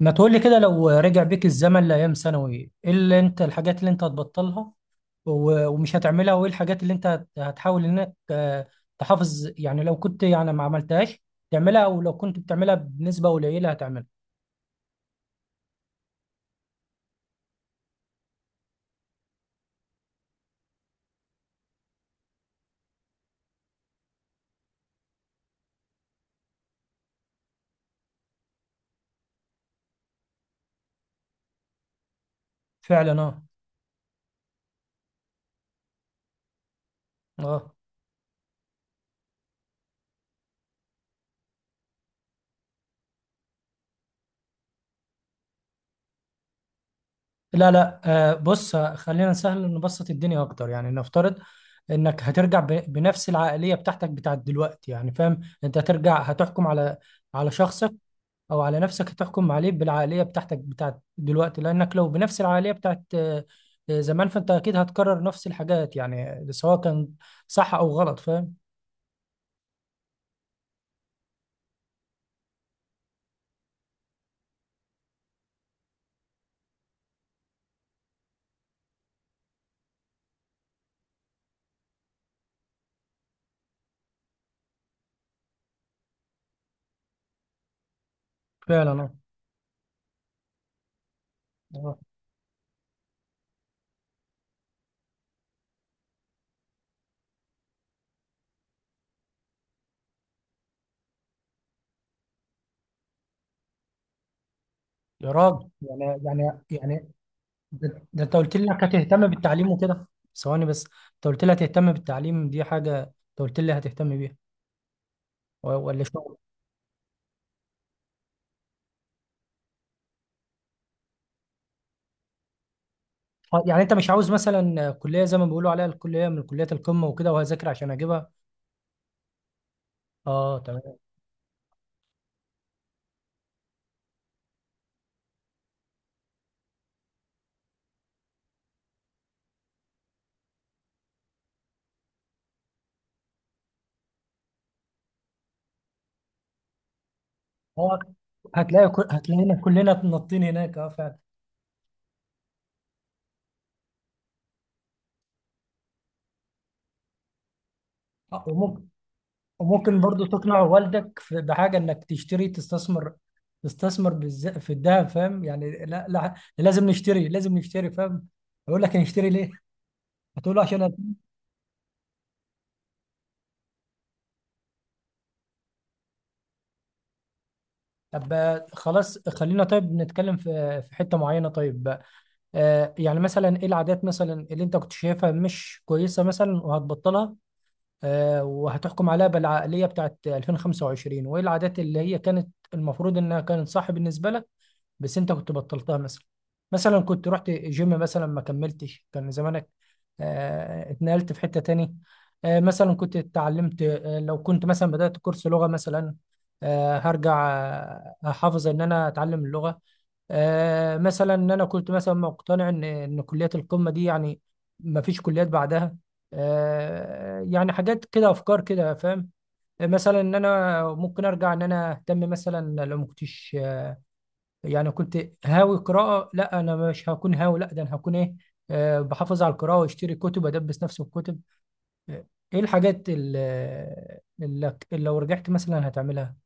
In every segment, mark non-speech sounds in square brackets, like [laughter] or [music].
ما تقولي كده، لو رجع بيك الزمن لأيام ثانوي، ايه اللي انت، الحاجات اللي انت هتبطلها ومش هتعملها، وايه الحاجات اللي انت هتحاول انك تحافظ، يعني لو كنت يعني ما عملتهاش تعملها، او لو كنت بتعملها بنسبة قليلة هتعملها. فعلا اه. اه. لا لا. بص، خلينا نسهل، نبسط الدنيا اكتر. يعني نفترض انك هترجع بنفس العقلية بتاعتك بتاعت دلوقتي، يعني فاهم، انت هترجع هتحكم على على شخصك او على نفسك، هتحكم عليه بالعقليه بتاعتك بتاعت دلوقتي، لانك لو بنفس العقليه بتاعت زمان، فانت اكيد هتكرر نفس الحاجات يعني، سواء كان صح او غلط، فاهم. فعلا اه. آه. يا راجل، يعني. ده انت قلت لي انك هتهتم بالتعليم وكده. ثواني بس، انت قلت لي هتهتم بالتعليم، دي حاجه انت قلت لي هتهتم بيها، ولا شغل؟ يعني انت مش عاوز مثلا كليه، زي ما بيقولوا عليها، الكليه من كليات القمه وكده، وهذاكر عشان اجيبها؟ اه تمام. هو هتلاقي هتلاقينا كلنا نطين هناك، اه فعلا. وممكن، وممكن برضو تقنع والدك بحاجه انك تشتري، تستثمر، تستثمر في الذهب، فاهم يعني. لا لا، لازم نشتري، لازم نشتري، فاهم. يقول لك نشتري ليه؟ هتقول له عشان طب، خلاص، خلينا طيب نتكلم في في حته معينه. طيب، يعني مثلا ايه العادات مثلا اللي انت كنت شايفها مش كويسه مثلا وهتبطلها، وهتحكم عليها بالعقلية بتاعت 2025، وايه العادات اللي هي كانت المفروض انها كانت صح بالنسبة لك بس انت كنت بطلتها. مثلا مثلا كنت رحت جيم مثلا ما كملتش، كان زمانك اتنقلت في حتة تاني. مثلا كنت اتعلمت، لو كنت مثلا بدأت كورس لغة مثلا، هرجع احافظ ان انا اتعلم اللغة. مثلا ان انا كنت مثلا مقتنع ان كليات القمة دي يعني ما فيش كليات بعدها، يعني حاجات كده، افكار كده، فاهم. مثلا ان انا ممكن ارجع، ان انا اهتم مثلا لو ما كنتش، يعني كنت هاوي قراءة، لا أنا مش هكون هاوي، لا ده أنا هكون إيه، بحافظ على القراءة وأشتري كتب، أدبس نفسي بالكتب. آه، إيه اللي, لو رجعت مثلا هتعملها؟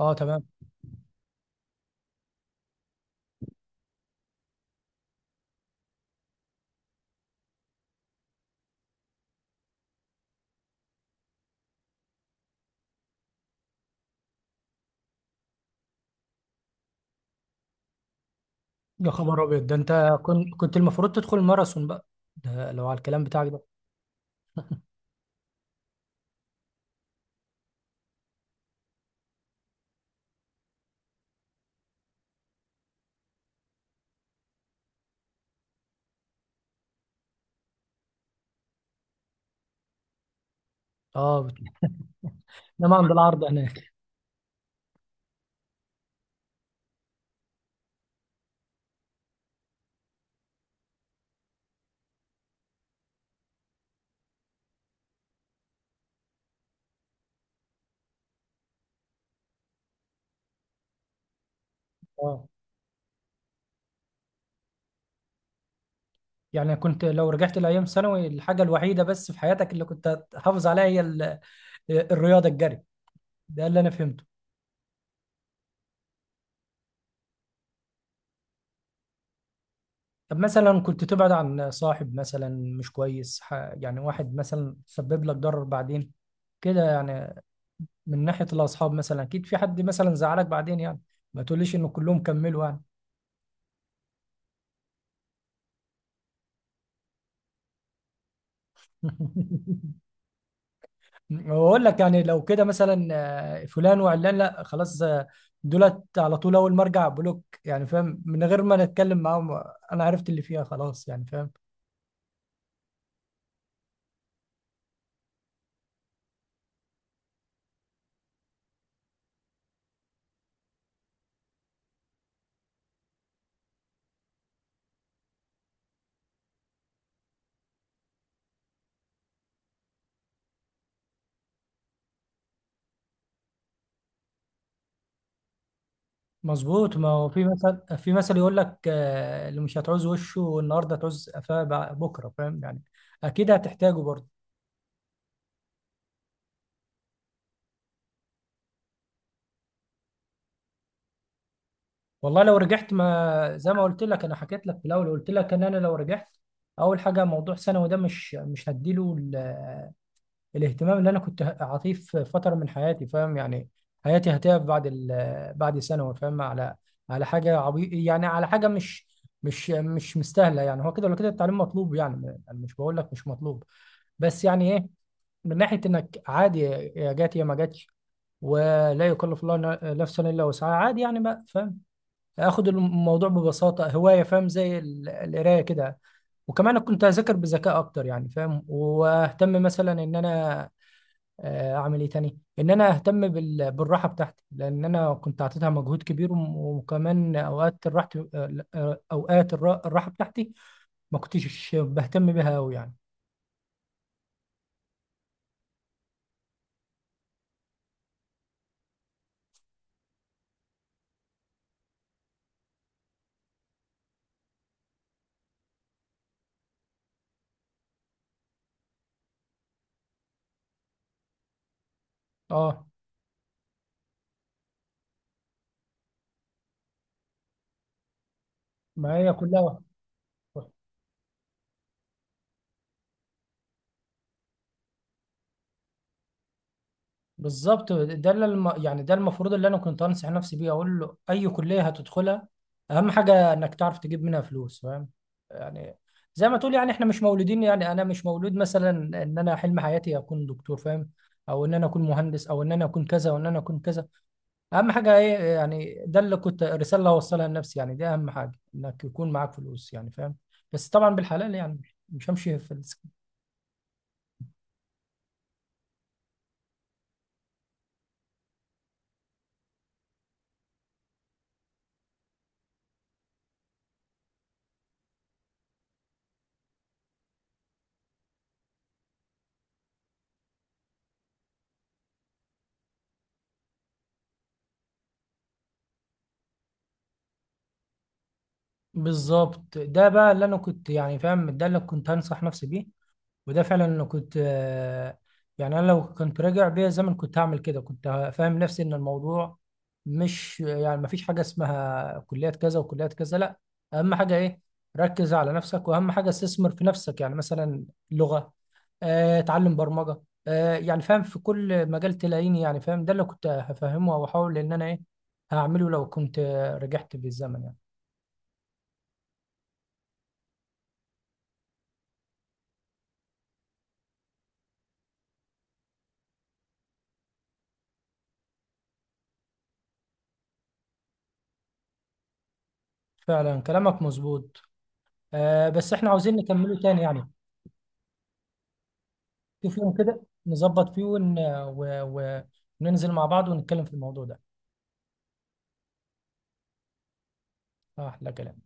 أه تمام. يا خبر أبيض، ده أنت كنت المفروض تدخل ماراثون بقى، ده لو على الكلام بتاعك ده. أه بت- إنما عند العرض هناك. أه. يعني كنت لو رجعت لأيام ثانوي، الحاجة الوحيدة بس في حياتك اللي كنت هتحافظ عليها هي الرياضة، الجري، ده اللي أنا فهمته. طب مثلا كنت تبعد عن صاحب مثلا مش كويس يعني، واحد مثلا سبب لك ضرر بعدين كده يعني. من ناحية الأصحاب مثلا أكيد في حد مثلا زعلك بعدين يعني، ما تقوليش إنه كلهم كملوا يعني. [laughs] وأقول لك، يعني لو كده مثلا، فلان وعلان، لا خلاص، دولت على طول أول ما أرجع بلوك، يعني فاهم، من غير ما نتكلم معاهم. أنا عرفت اللي فيها خلاص يعني، فاهم. مظبوط، ما هو في مثل يقول لك اللي مش هتعوز وشه النهارده تعوز قفاه بكره، فاهم يعني، اكيد هتحتاجه برضه. والله لو رجعت، ما زي ما قلت لك انا حكيت لك في الاول، قلت لك ان انا لو رجعت، اول حاجه موضوع ثانوي ده مش هديله الاهتمام اللي انا كنت اعطيه في فتره من حياتي، فاهم يعني. حياتي هتقف بعد بعد ثانوي، فاهم، على على حاجه عبي، يعني على حاجه مش مستاهله يعني. هو كده ولا كده التعليم مطلوب يعني، أنا مش بقول لك مش مطلوب، بس يعني ايه، من ناحيه انك عادي، يا جات يا ما جاتش، ولا يكلف الله نفسا الا وسعها، عادي يعني بقى، فاهم. اخد الموضوع ببساطه، هوايه فاهم، زي القرايه كده. وكمان كنت اذاكر بذكاء اكتر يعني، فاهم، واهتم مثلا ان انا اعمل ايه تاني، ان انا اهتم بالراحه بتاعتي، لان انا كنت اعطيتها مجهود كبير، وكمان اوقات الراحه، اوقات الراحه بتاعتي ما كنتش بهتم بيها قوي يعني. اه. ما هي كلها. بالظبط، ده اللي يعني ده المفروض اللي انا كنت انصح نفسي بيه، اقول له اي كليه هتدخلها، اهم حاجه انك تعرف تجيب منها فلوس، فاهم يعني. زي ما تقول، يعني احنا مش مولودين، يعني انا مش مولود مثلا ان انا حلم حياتي اكون دكتور، فاهم، او ان انا اكون مهندس، او ان انا اكون كذا، وان انا اكون كذا. اهم حاجه ايه يعني، ده اللي كنت الرساله اللي هوصلها لنفسي يعني، دي اهم حاجه، انك يكون معاك فلوس يعني، فاهم، بس طبعا بالحلال يعني، مش همشي في بالظبط. ده بقى اللي انا كنت يعني فاهم، ده اللي كنت هنصح نفسي بيه. وده فعلا انا كنت، يعني انا لو كنت راجع بيا زمن كنت هعمل كده، كنت فاهم نفسي ان الموضوع مش يعني، ما فيش حاجه اسمها كليات كذا وكليات كذا، لا، اهم حاجه ايه، ركز على نفسك، واهم حاجه استثمر في نفسك، يعني مثلا لغه، اتعلم برمجه، يعني فاهم في كل مجال تلاقيني، يعني فاهم، ده اللي كنت هفهمه واحاول ان انا ايه هعمله لو كنت رجعت بالزمن يعني. فعلا كلامك مظبوط. بس احنا عاوزين نكمله تاني يعني. شوف يوم كده نظبط فيه وننزل مع بعض ونتكلم في الموضوع ده. أحلى كلام.